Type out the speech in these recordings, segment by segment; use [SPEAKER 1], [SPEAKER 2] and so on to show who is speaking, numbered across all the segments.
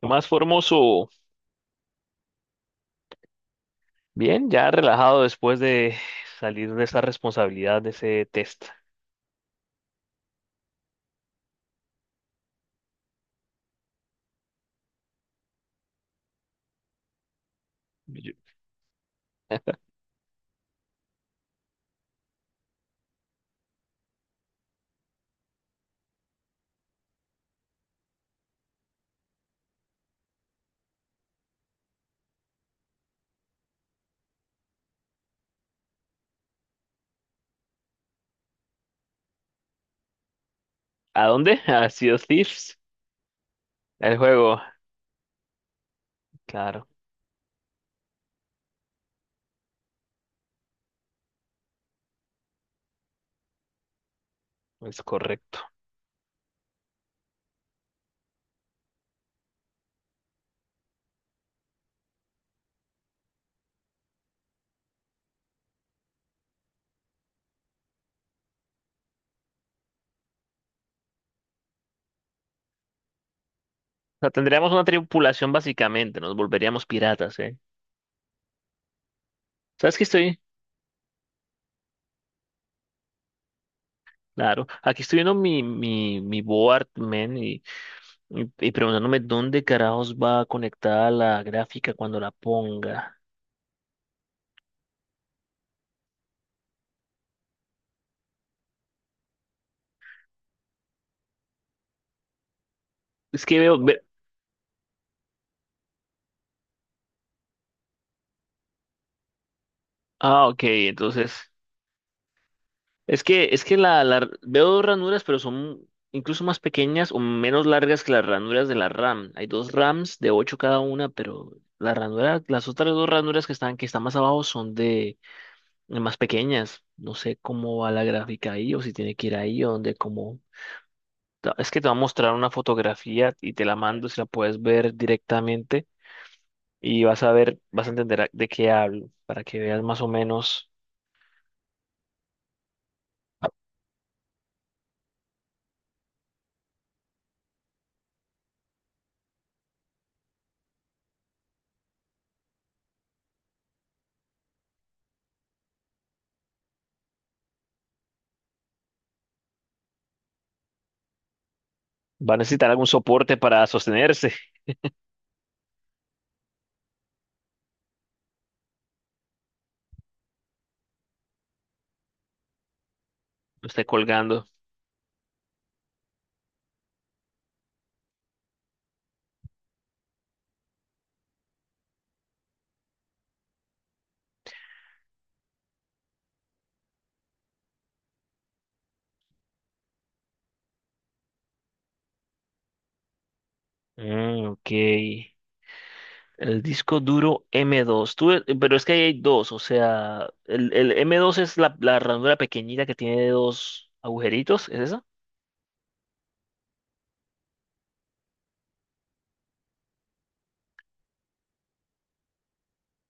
[SPEAKER 1] ¿Qué más, Formoso? Bien, ya relajado después de salir de esa responsabilidad de ese test. Yo- ¿A dónde? A Sea of Thieves. El juego. Claro, es correcto. O sea, tendríamos una tripulación básicamente, nos volveríamos piratas, ¿eh? ¿Sabes qué estoy? Claro, aquí estoy viendo mi board, man, y, preguntándome dónde carajos va conectada la gráfica cuando la ponga. Es que veo. Ah, ok, entonces. Es que veo ranuras, pero son incluso más pequeñas o menos largas que las ranuras de la RAM. Hay dos RAMs de 8 cada una, pero la ranura, las otras dos ranuras que están, más abajo son de más pequeñas. No sé cómo va la gráfica ahí o si tiene que ir ahí o donde como. Es que te va a mostrar una fotografía y te la mando si la puedes ver directamente y vas a ver, vas a entender de qué hablo para que veas más o menos. Va a necesitar algún soporte para sostenerse. No esté colgando. Mm, ok. El disco duro m dos. Tú, pero es que ahí hay dos, o sea, el m dos es la ranura pequeñita que tiene dos agujeritos, ¿es esa?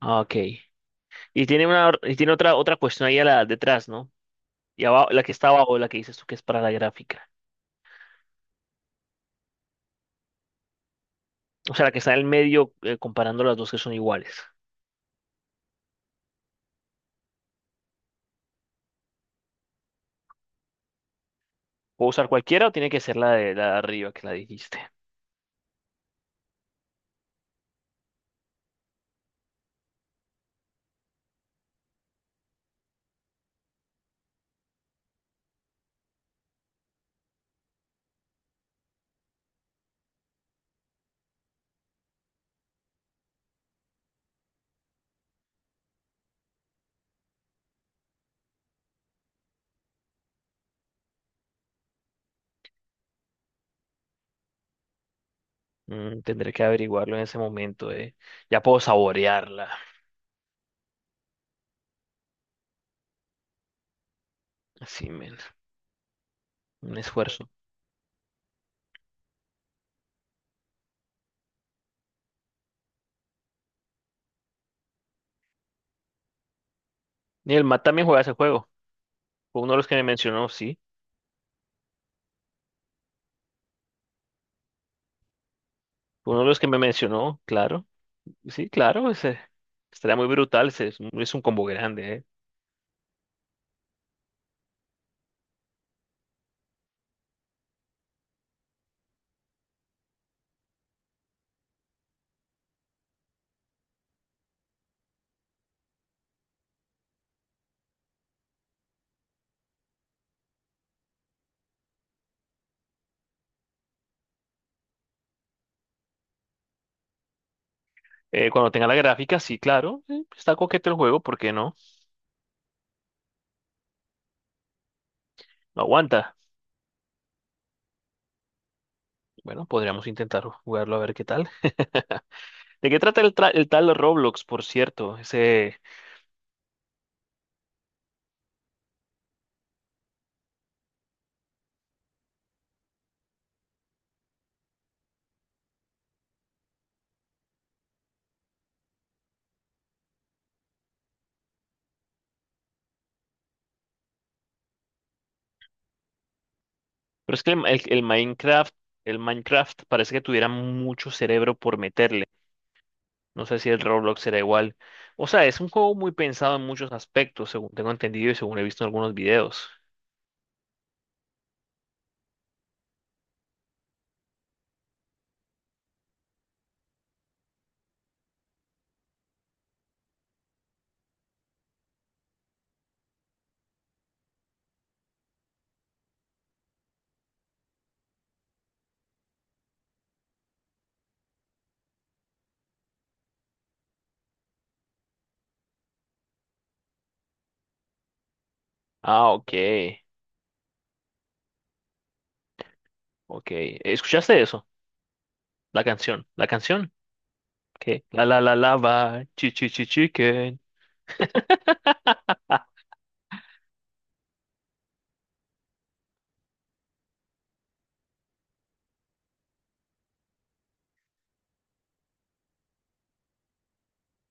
[SPEAKER 1] Ah, ok. Y tiene una, y tiene otra cuestión ahí a detrás, ¿no? Y abajo, la que está abajo, la que dices tú que es para la gráfica. O sea, la que está en el medio, comparando las dos que son iguales. ¿Puedo usar cualquiera o tiene que ser la de arriba que la dijiste? Tendré que averiguarlo en ese momento. Ya puedo saborearla. Así, men. Un esfuerzo. Y el Matt también juega ese juego. Fue uno de los que me mencionó, sí. Fue uno de los que me mencionó, claro. Sí, claro, ese. Estaría muy brutal, ese es un combo grande, ¿eh? Cuando tenga la gráfica, sí, claro. Sí, está coqueto el juego, ¿por qué no? No aguanta. Bueno, podríamos intentar jugarlo a ver qué tal. ¿De qué trata el tal Roblox, por cierto? Ese. Pero es que el Minecraft parece que tuviera mucho cerebro por meterle. No sé si el Roblox será igual. O sea, es un juego muy pensado en muchos aspectos, según tengo entendido y según he visto en algunos videos. Ah, ok, ok. ¿Escuchaste eso? La canción, la canción. Que la la la lava, chi chi chi chicken.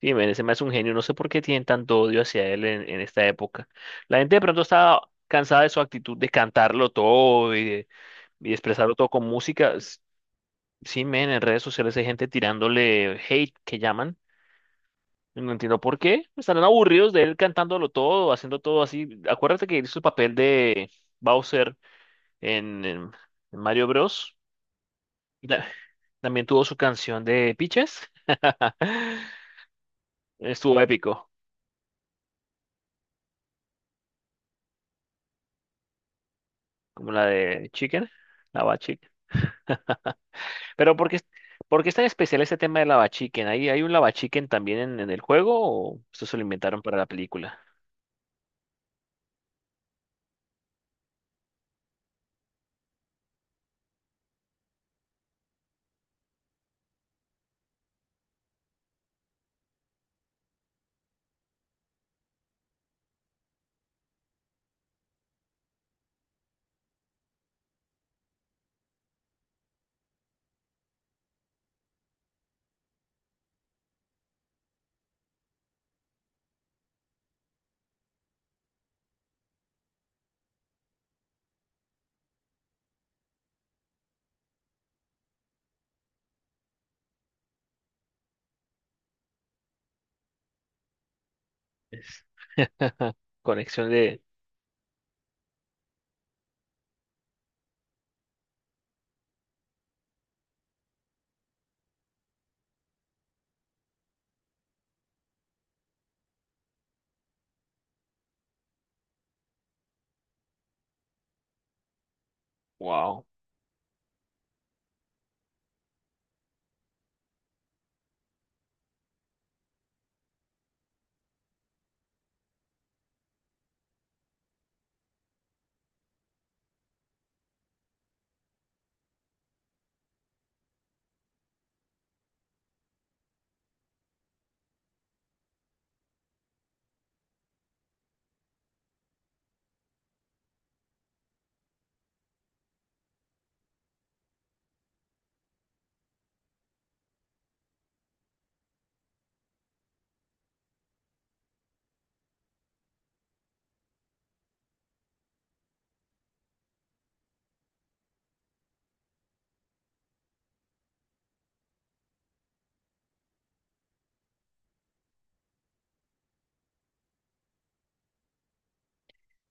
[SPEAKER 1] Dime, ese me hace un genio. No sé por qué tienen tanto odio hacia él en esta época. La gente de pronto está cansada de su actitud de cantarlo todo y de, expresarlo todo con música. Sí, men, en redes sociales hay gente tirándole hate que llaman. No entiendo por qué. Estarán aburridos de él cantándolo todo, haciendo todo así. Acuérdate que hizo el papel de Bowser en Mario Bros. Y la- También tuvo su canción de Peaches. Estuvo épico, como la de Chicken, Lava Chicken. Pero por qué es tan especial este tema de Lava Chicken? ¿Hay un Lava Chicken también en el juego o esto se lo inventaron para la película? Es conexión de. Wow.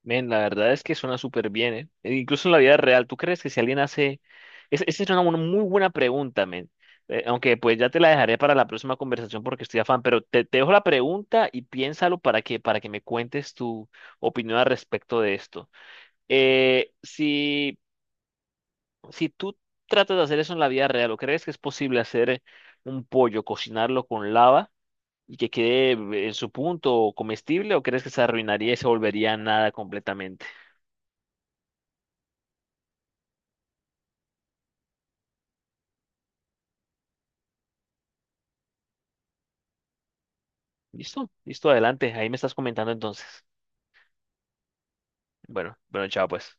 [SPEAKER 1] Men, la verdad es que suena súper bien, ¿eh? E incluso en la vida real, ¿tú crees que si alguien hace? Esa es una muy buena pregunta, men. Aunque pues ya te la dejaré para la próxima conversación porque estoy afán, pero te dejo la pregunta y piénsalo para que me cuentes tu opinión al respecto de esto. Eh, si, si tú tratas de hacer eso en la vida real, ¿o crees que es posible hacer un pollo, cocinarlo con lava y que quede en su punto comestible, o crees que se arruinaría y se volvería nada completamente? Listo, listo, adelante. Ahí me estás comentando entonces. Bueno, bueno, chao pues.